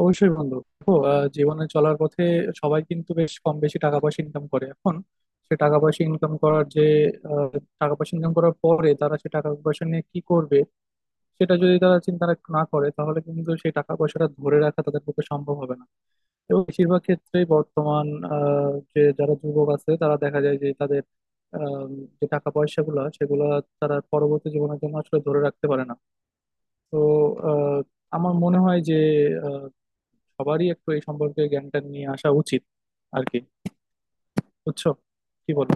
অবশ্যই বন্ধু দেখো, জীবনে চলার পথে সবাই কিন্তু বেশ কম বেশি টাকা পয়সা ইনকাম করে এখন। সে টাকা পয়সা ইনকাম করার যে আহ, টাকা পয়সা ইনকাম করার পরে তারা সে টাকা পয়সা নিয়ে কি করবে সেটা যদি তারা চিন্তা না করে তাহলে কিন্তু সেই টাকা পয়সাটা ধরে রাখা তাদের পক্ষে সম্ভব হবে না। এবং বেশিরভাগ ক্ষেত্রেই বর্তমান যে যারা যুবক আছে তারা দেখা যায় যে তাদের আহ, যে টাকা পয়সাগুলো সেগুলো তারা পরবর্তী জীবনের জন্য আসলে ধরে রাখতে পারে না। তো আহ, আমার মনে হয় যে সবারই একটু এই সম্পর্কে জ্ঞানটা নিয়ে আসা উচিত আর কি। বুঝছো? কি বলো?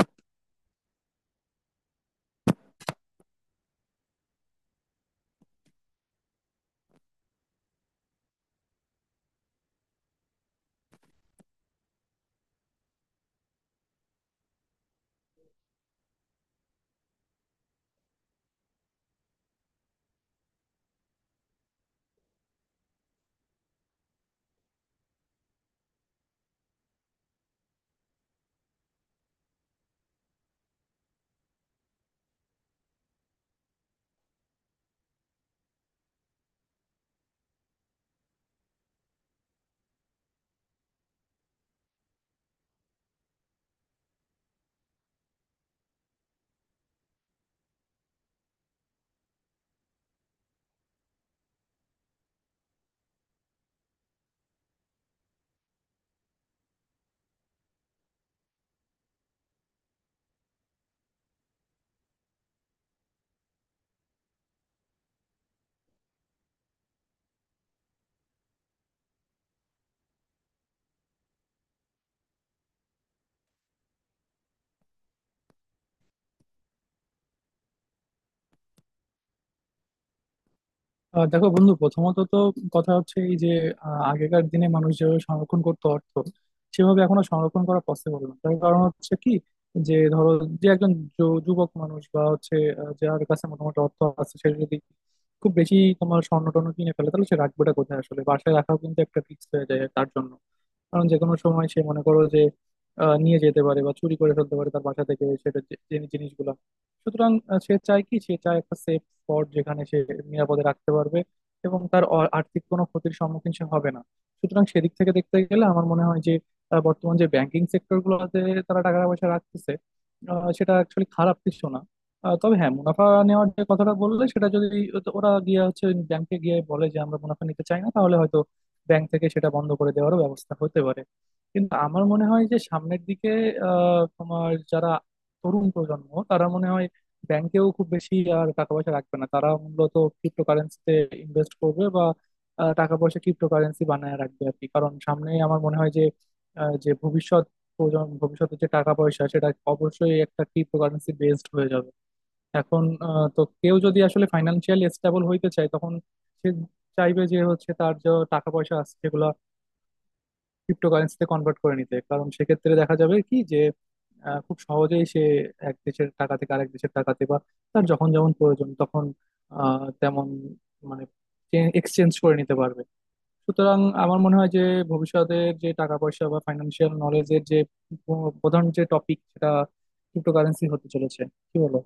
দেখো বন্ধু, প্রথমত তো কথা হচ্ছে এই যে আগেকার দিনে মানুষ যেভাবে সংরক্ষণ করতো অর্থ, সেভাবে এখন আর সংরক্ষণ করা পসিবল না। তার কারণ হচ্ছে কি, যে ধরো যে একজন যুবক মানুষ বা হচ্ছে যার কাছে মোটামুটি অর্থ আছে, সে যদি খুব বেশি তোমার স্বর্ণ টর্ণ কিনে ফেলে তাহলে সে রাখবেটা কোথায়? আসলে বাসায় রাখাও কিন্তু একটা ফিক্স হয়ে যায় তার জন্য। কারণ যে কোনো সময় সে, মনে করো যে, নিয়ে যেতে পারে বা চুরি করে ফেলতে পারে তার বাসা থেকে সেটা, যে জিনিসগুলা। সুতরাং সে চায় কি, সে চায় একটা সেফ স্পট যেখানে সে নিরাপদে রাখতে পারবে এবং তার আর্থিক কোনো ক্ষতির সম্মুখীন সে হবে না। সুতরাং সেদিক থেকে দেখতে গেলে আমার মনে হয় যে বর্তমান যে ব্যাংকিং সেক্টর গুলোতে তারা টাকা পয়সা রাখতেছে, সেটা অ্যাকচুয়ালি খারাপ কিছু না। তবে হ্যাঁ, মুনাফা নেওয়ার যে কথাটা বললে, সেটা যদি ওরা গিয়ে হচ্ছে ব্যাংকে গিয়ে বলে যে আমরা মুনাফা নিতে চাই না, তাহলে হয়তো ব্যাংক থেকে সেটা বন্ধ করে দেওয়ারও ব্যবস্থা হতে পারে। কিন্তু আমার মনে হয় যে সামনের দিকে তোমার যারা তরুণ প্রজন্ম, তারা মনে হয় ব্যাংকেও খুব বেশি আর টাকা পয়সা রাখবে না। তারা মূলত ক্রিপ্টোকারেন্সিতে ইনভেস্ট করবে বা টাকা পয়সা ক্রিপ্টোকারেন্সি বানায় রাখবে আর কি। কারণ সামনে আমার মনে হয় যে যে ভবিষ্যৎ প্রজন্ম, ভবিষ্যতে যে টাকা পয়সা সেটা অবশ্যই একটা ক্রিপ্টোকারেন্সি বেসড হয়ে যাবে। এখন তো কেউ যদি আসলে ফাইন্যান্সিয়ালি স্টেবল হইতে চায়, তখন সে চাইবে যে হচ্ছে তার যে টাকা পয়সা আছে সেগুলো ক্রিপ্টোকারেন্সিতে কনভার্ট করে নিতে। কারণ সেক্ষেত্রে দেখা যাবে কি যে খুব সহজেই সে এক দেশের টাকা থেকে আরেক দেশের টাকাতে, বা তার যখন যেমন প্রয়োজন তখন তেমন মানে এক্সচেঞ্জ করে নিতে পারবে। সুতরাং আমার মনে হয় যে ভবিষ্যতের যে টাকা পয়সা বা ফাইন্যান্সিয়াল নলেজের যে প্রধান যে টপিক সেটা ক্রিপ্টোকারেন্সি হতে চলেছে। কি বলো?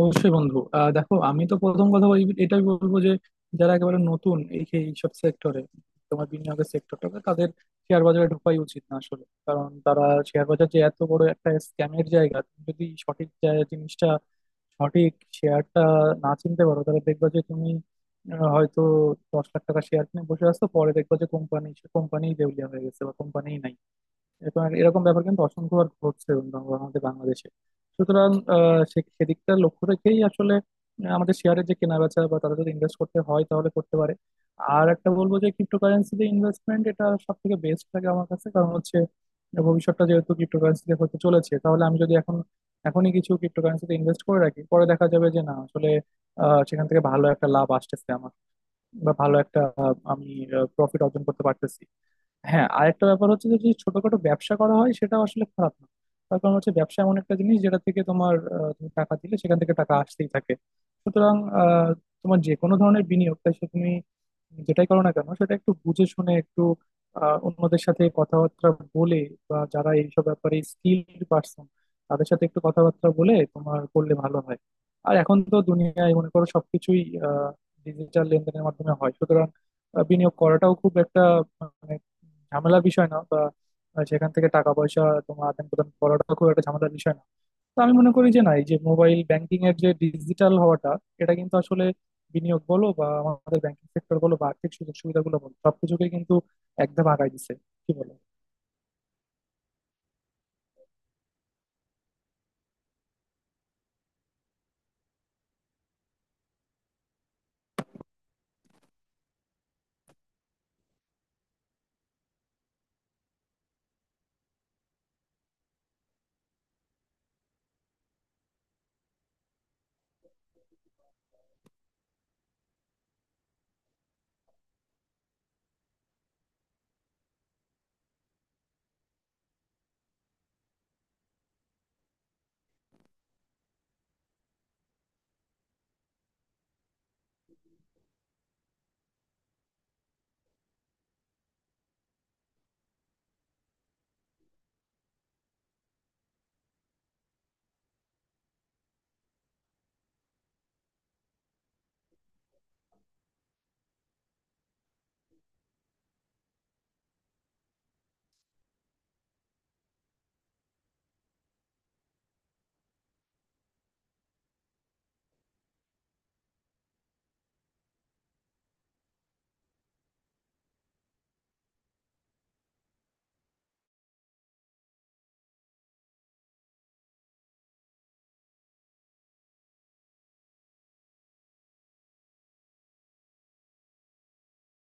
অবশ্যই বন্ধু, দেখো, আমি তো প্রথম কথা বলি এটাই বলবো যে যারা একেবারে নতুন এইসব সেক্টরে, তোমার বিনিয়োগের সেক্টরটাতে, তাদের শেয়ার বাজারে ঢোকাই উচিত না আসলে। কারণ তারা শেয়ার বাজার যে এত বড় একটা স্ক্যামের জায়গা, তুমি যদি সঠিক জিনিসটা, সঠিক শেয়ারটা না চিনতে পারো তাহলে দেখবা যে তুমি হয়তো 10 লাখ টাকা শেয়ার কিনে বসে আসছো, পরে দেখবা যে কোম্পানি কোম্পানি দেউলিয়া হয়ে গেছে বা কোম্পানি নাই। এবং এরকম ব্যাপার কিন্তু অসংখ্যবার ঘটছে বন্ধু আমাদের বাংলাদেশে। সুতরাং সেদিকটা লক্ষ্য রেখেই আসলে আমাদের শেয়ারের যে কেনা বেচা, বা তারা যদি ইনভেস্ট করতে হয় তাহলে করতে পারে। আর একটা বলবো যে ক্রিপ্টোকারেন্সিতে ইনভেস্টমেন্ট, এটা সব থেকে বেস্ট লাগে আমার কাছে। কারণ হচ্ছে ভবিষ্যৎটা যেহেতু ক্রিপ্টোকারেন্সিতে হতে চলেছে, তাহলে আমি যদি এখন এখনই কিছু ক্রিপ্টোকারেন্সিতে ইনভেস্ট করে রাখি, পরে দেখা যাবে যে না আসলে সেখান থেকে ভালো একটা লাভ আসতেছে আমার, বা ভালো একটা আমি প্রফিট অর্জন করতে পারতেছি। হ্যাঁ, আরেকটা ব্যাপার হচ্ছে যে যদি ছোটখাটো ব্যবসা করা হয় সেটা আসলে খারাপ না। তার কারণ হচ্ছে ব্যবসা এমন একটা জিনিস যেটা থেকে তোমার তুমি টাকা দিলে সেখান থেকে টাকা আসতেই থাকে। সুতরাং আহ, তোমার যে কোনো ধরনের বিনিয়োগ, তাই সে তুমি যেটাই করো না কেন, সেটা একটু বুঝে শুনে, একটু অন্যদের সাথে কথাবার্তা বলে বা যারা এইসব ব্যাপারে স্কিল পার্সন তাদের সাথে একটু কথাবার্তা বলে তোমার করলে ভালো হয়। আর এখন তো দুনিয়ায় মনে করো সবকিছুই ডিজিটাল লেনদেনের মাধ্যমে হয়। সুতরাং বিনিয়োগ করাটাও খুব একটা মানে ঝামেলার বিষয় না, বা সেখান থেকে টাকা পয়সা তোমার আদান প্রদান করাটা খুব একটা ঝামেলার বিষয় না। তো আমি মনে করি যে না, এই যে মোবাইল ব্যাংকিং এর যে ডিজিটাল হওয়াটা, এটা কিন্তু আসলে বিনিয়োগ বলো বা আমাদের ব্যাংকিং সেক্টর বলো বা আর্থিক সুযোগ সুবিধাগুলো বলো, সবকিছুকে কিন্তু এক ধাপ আগায় দিচ্ছে। কি বলো?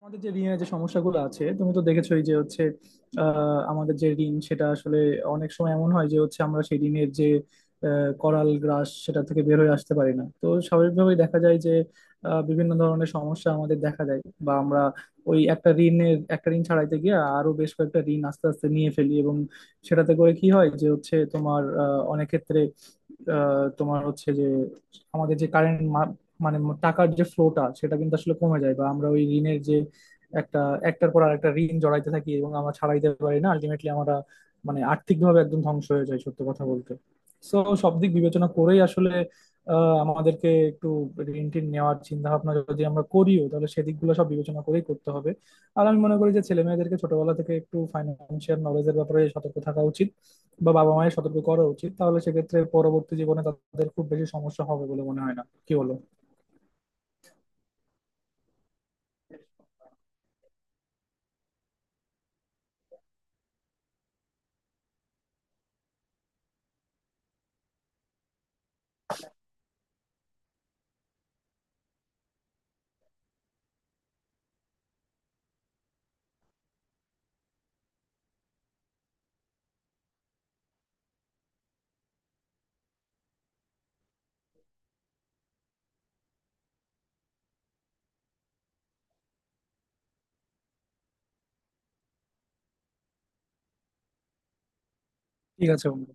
আমাদের যে ঋণের যে সমস্যাগুলো আছে তুমি তো দেখেছোই যে হচ্ছে আমাদের যে ঋণ সেটা আসলে অনেক সময় এমন হয় যে হচ্ছে আমরা সেই ঋণের যে করাল গ্রাস সেটা থেকে বের হয়ে আসতে পারি না। তো স্বাভাবিকভাবেই দেখা যায় যে বিভিন্ন ধরনের সমস্যা আমাদের দেখা দেয়, বা আমরা ওই একটা ঋণের একটা ঋণ ছাড়াইতে গিয়ে আরো বেশ কয়েকটা ঋণ আস্তে আস্তে নিয়ে ফেলি। এবং সেটাতে করে কি হয় যে হচ্ছে তোমার অনেক ক্ষেত্রে তোমার হচ্ছে যে আমাদের যে কারেন্ট মানে টাকার যে ফ্লোটা সেটা কিন্তু আসলে কমে যায়, বা আমরা ওই ঋণের যে একটা একটার পর আরেকটা ঋণ জড়াইতে থাকি এবং আমরা ছাড়াইতে পারি না। আলটিমেটলি আমরা মানে আর্থিকভাবে একদম ধ্বংস হয়ে যায় সত্য কথা বলতে। তো সব দিক বিবেচনা করেই আসলে আমাদেরকে একটু ঋণ টিন নেওয়ার চিন্তা ভাবনা যদি আমরা করিও তাহলে সেদিকগুলো সব বিবেচনা করেই করতে হবে। আর আমি মনে করি যে ছেলে মেয়েদেরকে ছোটবেলা থেকে একটু ফাইন্যান্সিয়াল নলেজের ব্যাপারে সতর্ক থাকা উচিত বা বাবা মায়ের সতর্ক করা উচিত, তাহলে সেক্ষেত্রে পরবর্তী জীবনে তাদের খুব বেশি সমস্যা হবে বলে মনে হয় না। কি বলো? ঠিক আছে বন্ধু।